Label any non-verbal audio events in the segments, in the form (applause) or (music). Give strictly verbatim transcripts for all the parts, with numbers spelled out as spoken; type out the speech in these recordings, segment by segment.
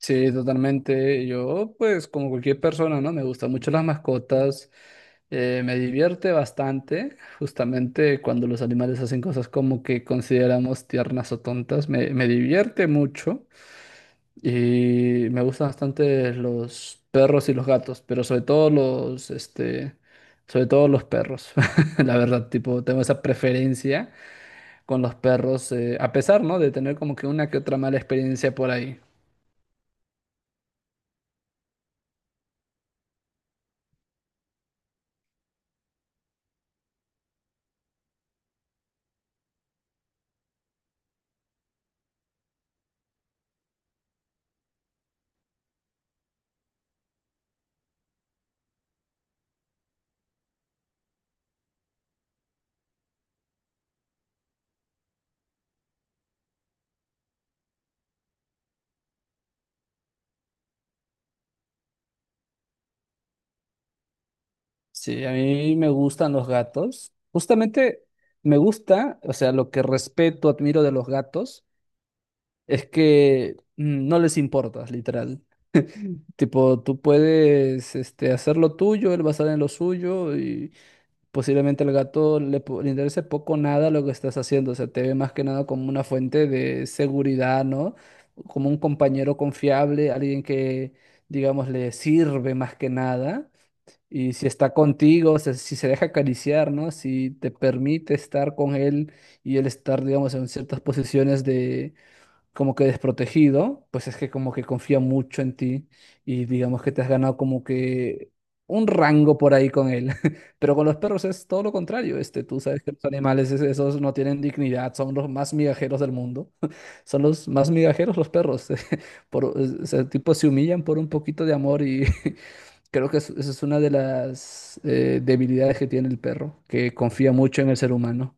Sí, totalmente. Yo, pues, como cualquier persona, ¿no? Me gustan mucho las mascotas. Eh, me divierte bastante, justamente cuando los animales hacen cosas como que consideramos tiernas o tontas. Me, me divierte mucho y me gustan bastante los perros y los gatos, pero sobre todo los, este, sobre todo los perros. (laughs) La verdad, tipo, tengo esa preferencia con los perros, eh, a pesar, ¿no? De tener como que una que otra mala experiencia por ahí. Sí, a mí me gustan los gatos. Justamente me gusta, o sea, lo que respeto, admiro de los gatos es que mm, no les importas, literal. Tipo, tú puedes este, hacer lo tuyo, él va a estar en lo suyo y posiblemente al gato le, po- le interese poco o nada lo que estás haciendo. O sea, te ve más que nada como una fuente de seguridad, ¿no? Como un compañero confiable, alguien que, digamos, le sirve más que nada. Y si está contigo, se- si se deja acariciar, ¿no? Si te permite estar con él y él estar, digamos, en ciertas posiciones de como que desprotegido, pues es que como que confía mucho en ti y digamos que te has ganado como que un rango por ahí con él. (laughs) Pero con los perros es todo lo contrario, este, tú sabes que los animales es- esos no tienen dignidad, son los más migajeros del mundo. (laughs) Son los más migajeros los perros. (laughs) Por, o sea, tipo se humillan por un poquito de amor y (laughs) Creo que es- esa es una de las eh, debilidades que tiene el perro, que confía mucho en el ser humano.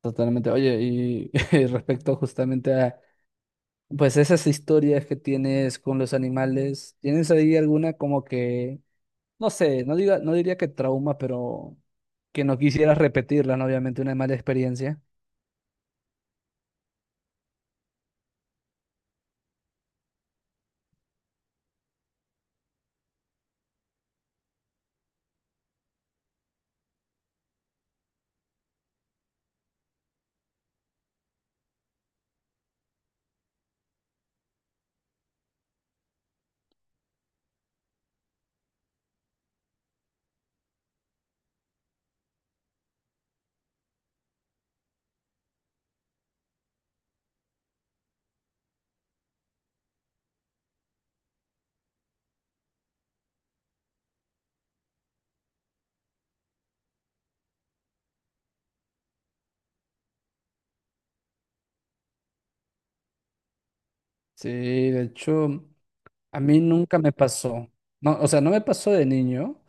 Totalmente. Oye, y, (laughs) respecto justamente a, pues esas historias que tienes con los animales, ¿tienes ahí alguna como que, no sé, no diga, no diría que trauma, pero que no quisieras repetirla, ¿no? Obviamente una mala experiencia. Sí, de hecho, a mí nunca me pasó. No, o sea, no me pasó de niño,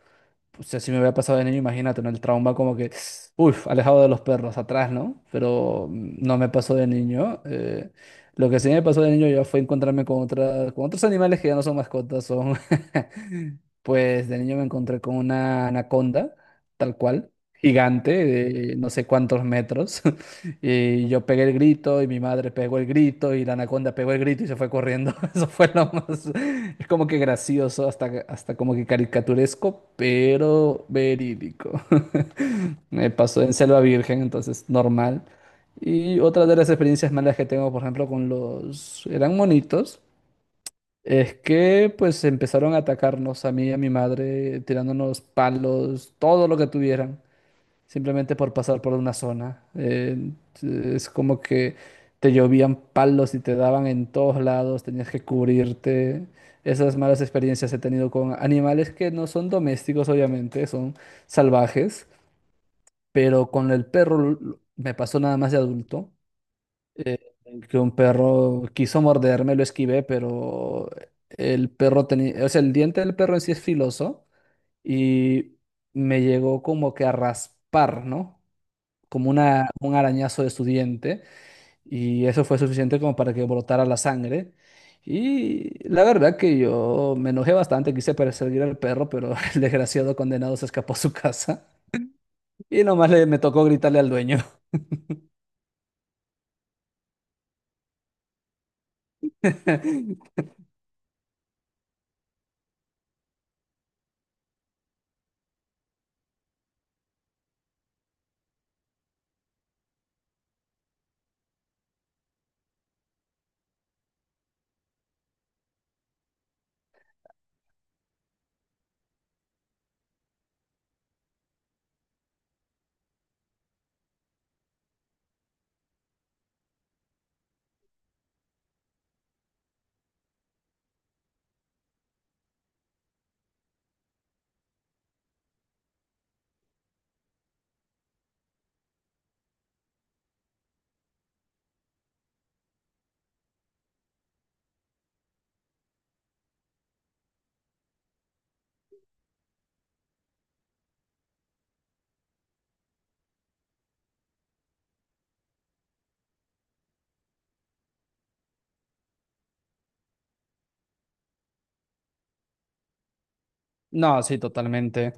o sea, si me hubiera pasado de niño, imagínate, ¿no? El trauma como que, uff, alejado de los perros, atrás, ¿no? Pero mm, no me pasó de niño. Eh, lo que sí me pasó de niño ya fue encontrarme con otra, con otros animales que ya no son mascotas, son... (laughs) Pues de niño me encontré con una anaconda, tal cual, gigante, de no sé cuántos metros. (laughs) Y yo pegué el grito y mi madre pegó el grito y la anaconda pegó el grito y se fue corriendo. (laughs) Eso fue lo más... Es como que gracioso, hasta, hasta como que caricaturesco, pero verídico. (laughs) Me pasó en Selva Virgen, entonces normal. Y otra de las experiencias malas que tengo, por ejemplo, con los... eran monitos, es que pues empezaron a atacarnos a mí y a mi madre, tirándonos palos, todo lo que tuvieran simplemente por pasar por una zona. Eh, es como que te llovían palos y te daban en todos lados, tenías que cubrirte. Esas malas experiencias he tenido con animales que no son domésticos, obviamente, son salvajes, pero con el perro l- me pasó nada más de adulto, eh, que un perro quiso morderme, lo esquivé, pero el perro tenía, o sea, el diente del perro en sí es filoso y me llegó como que a raspar, ¿no? Como una, un arañazo de su diente y eso fue suficiente como para que brotara la sangre. Y la verdad que yo me enojé bastante, quise perseguir al perro, pero (laughs) el desgraciado condenado se escapó a su casa y nomás le, me tocó gritarle al dueño. (laughs) No, sí, totalmente.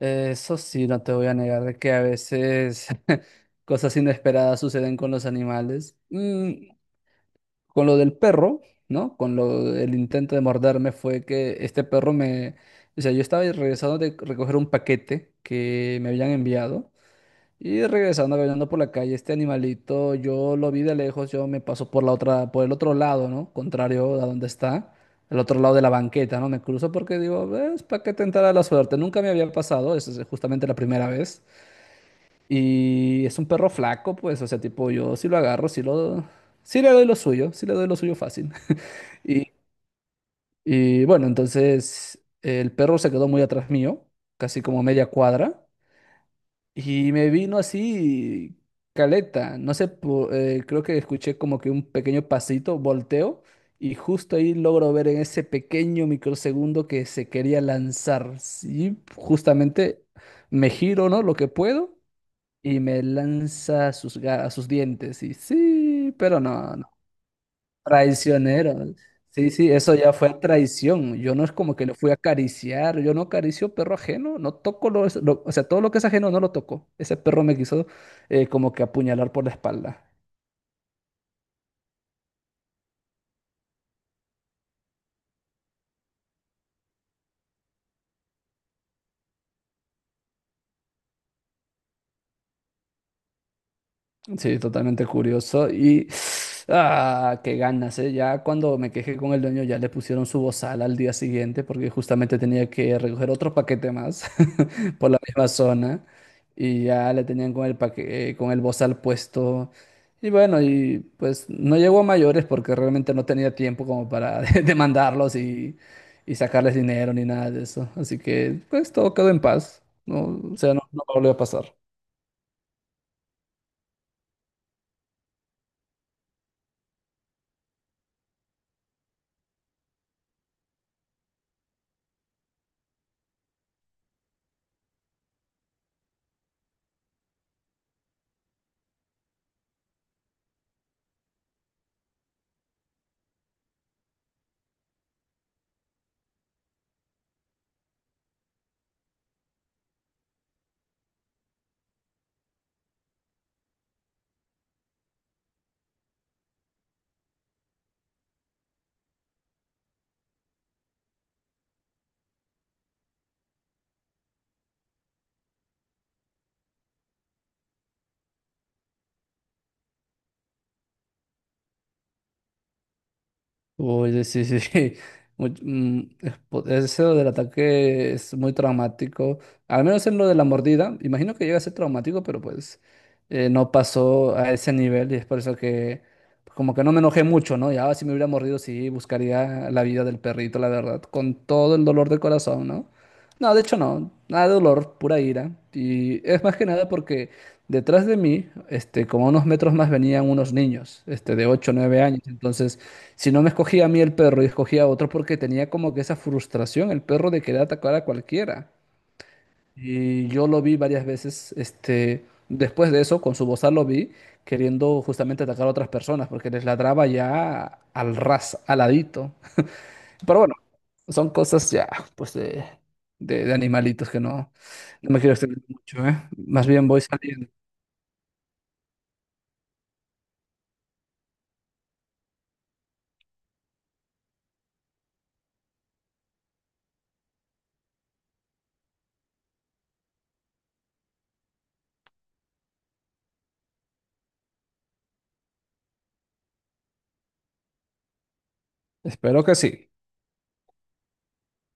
Eso sí, no te voy a negar de que a veces (laughs) cosas inesperadas suceden con los animales. Mm, con lo del perro, ¿no? Con lo el intento de morderme fue que este perro me, o sea, yo estaba regresando de recoger un paquete que me habían enviado y regresando caminando por la calle este animalito, yo lo vi de lejos, yo me paso por la otra por el otro lado, ¿no? Contrario a donde está. El otro lado de la banqueta, ¿no? Me cruzo porque digo, es para que tentar la suerte. Nunca me había pasado, esa es justamente la primera vez. Y es un perro flaco, pues, o sea, tipo, yo si lo agarro, si lo, sí le doy lo suyo, sí le doy lo suyo fácil. Y, y bueno, entonces el perro se quedó muy atrás mío, casi como media cuadra, y me vino así caleta. No sé, po- eh, creo que escuché como que un pequeño pasito, volteo, y justo ahí logro ver en ese pequeño microsegundo que se quería lanzar. Sí, justamente me giro, ¿no? Lo que puedo, y me lanza sus, ga- sus dientes. Y sí, pero no, no. Traicionero. Sí, sí, eso ya fue traición. Yo no es como que lo fui a acariciar. Yo no acaricio perro ajeno. No toco lo, lo- o sea, todo lo que es ajeno no lo toco. Ese perro me quiso eh, como que apuñalar por la espalda. Sí, totalmente curioso. Y ah, qué ganas, ¿eh? Ya cuando me quejé con el dueño, ya le pusieron su bozal al día siguiente, porque justamente tenía que recoger otro paquete más (laughs) por la misma zona. Y ya le tenían con el paque- eh, con el bozal puesto. Y bueno, y pues no llegó a mayores porque realmente no tenía tiempo como para (laughs) de- demandarlos y, y sacarles dinero ni nada de eso. Así que pues todo quedó en paz. No, o sea, no, no volvió a pasar. Oye sí, sí, sí. (laughs) Mu- mm, es po- eso del ataque es muy traumático. Al menos en lo de la mordida. Imagino que llega a ser traumático, pero pues eh, no pasó a ese nivel y es por eso que pues, como que no me enojé mucho, ¿no? Ya si me hubiera mordido, sí, buscaría la vida del perrito, la verdad. Con todo el dolor de corazón, ¿no? No, de hecho no. Nada de dolor, pura ira. Y es más que nada porque detrás de mí, este, como a unos metros más venían unos niños, este, de ocho o nueve años. Entonces... Si no me escogía a mí el perro y escogía a otro porque tenía como que esa frustración, el perro de querer atacar a cualquiera. Y yo lo vi varias veces, este, después de eso, con su bozal lo vi queriendo justamente atacar a otras personas porque les ladraba ya al ras, aladito. Pero bueno, son cosas ya, pues de, de, de animalitos que no, no me quiero extender mucho, ¿eh? Más bien voy saliendo. Espero que sí.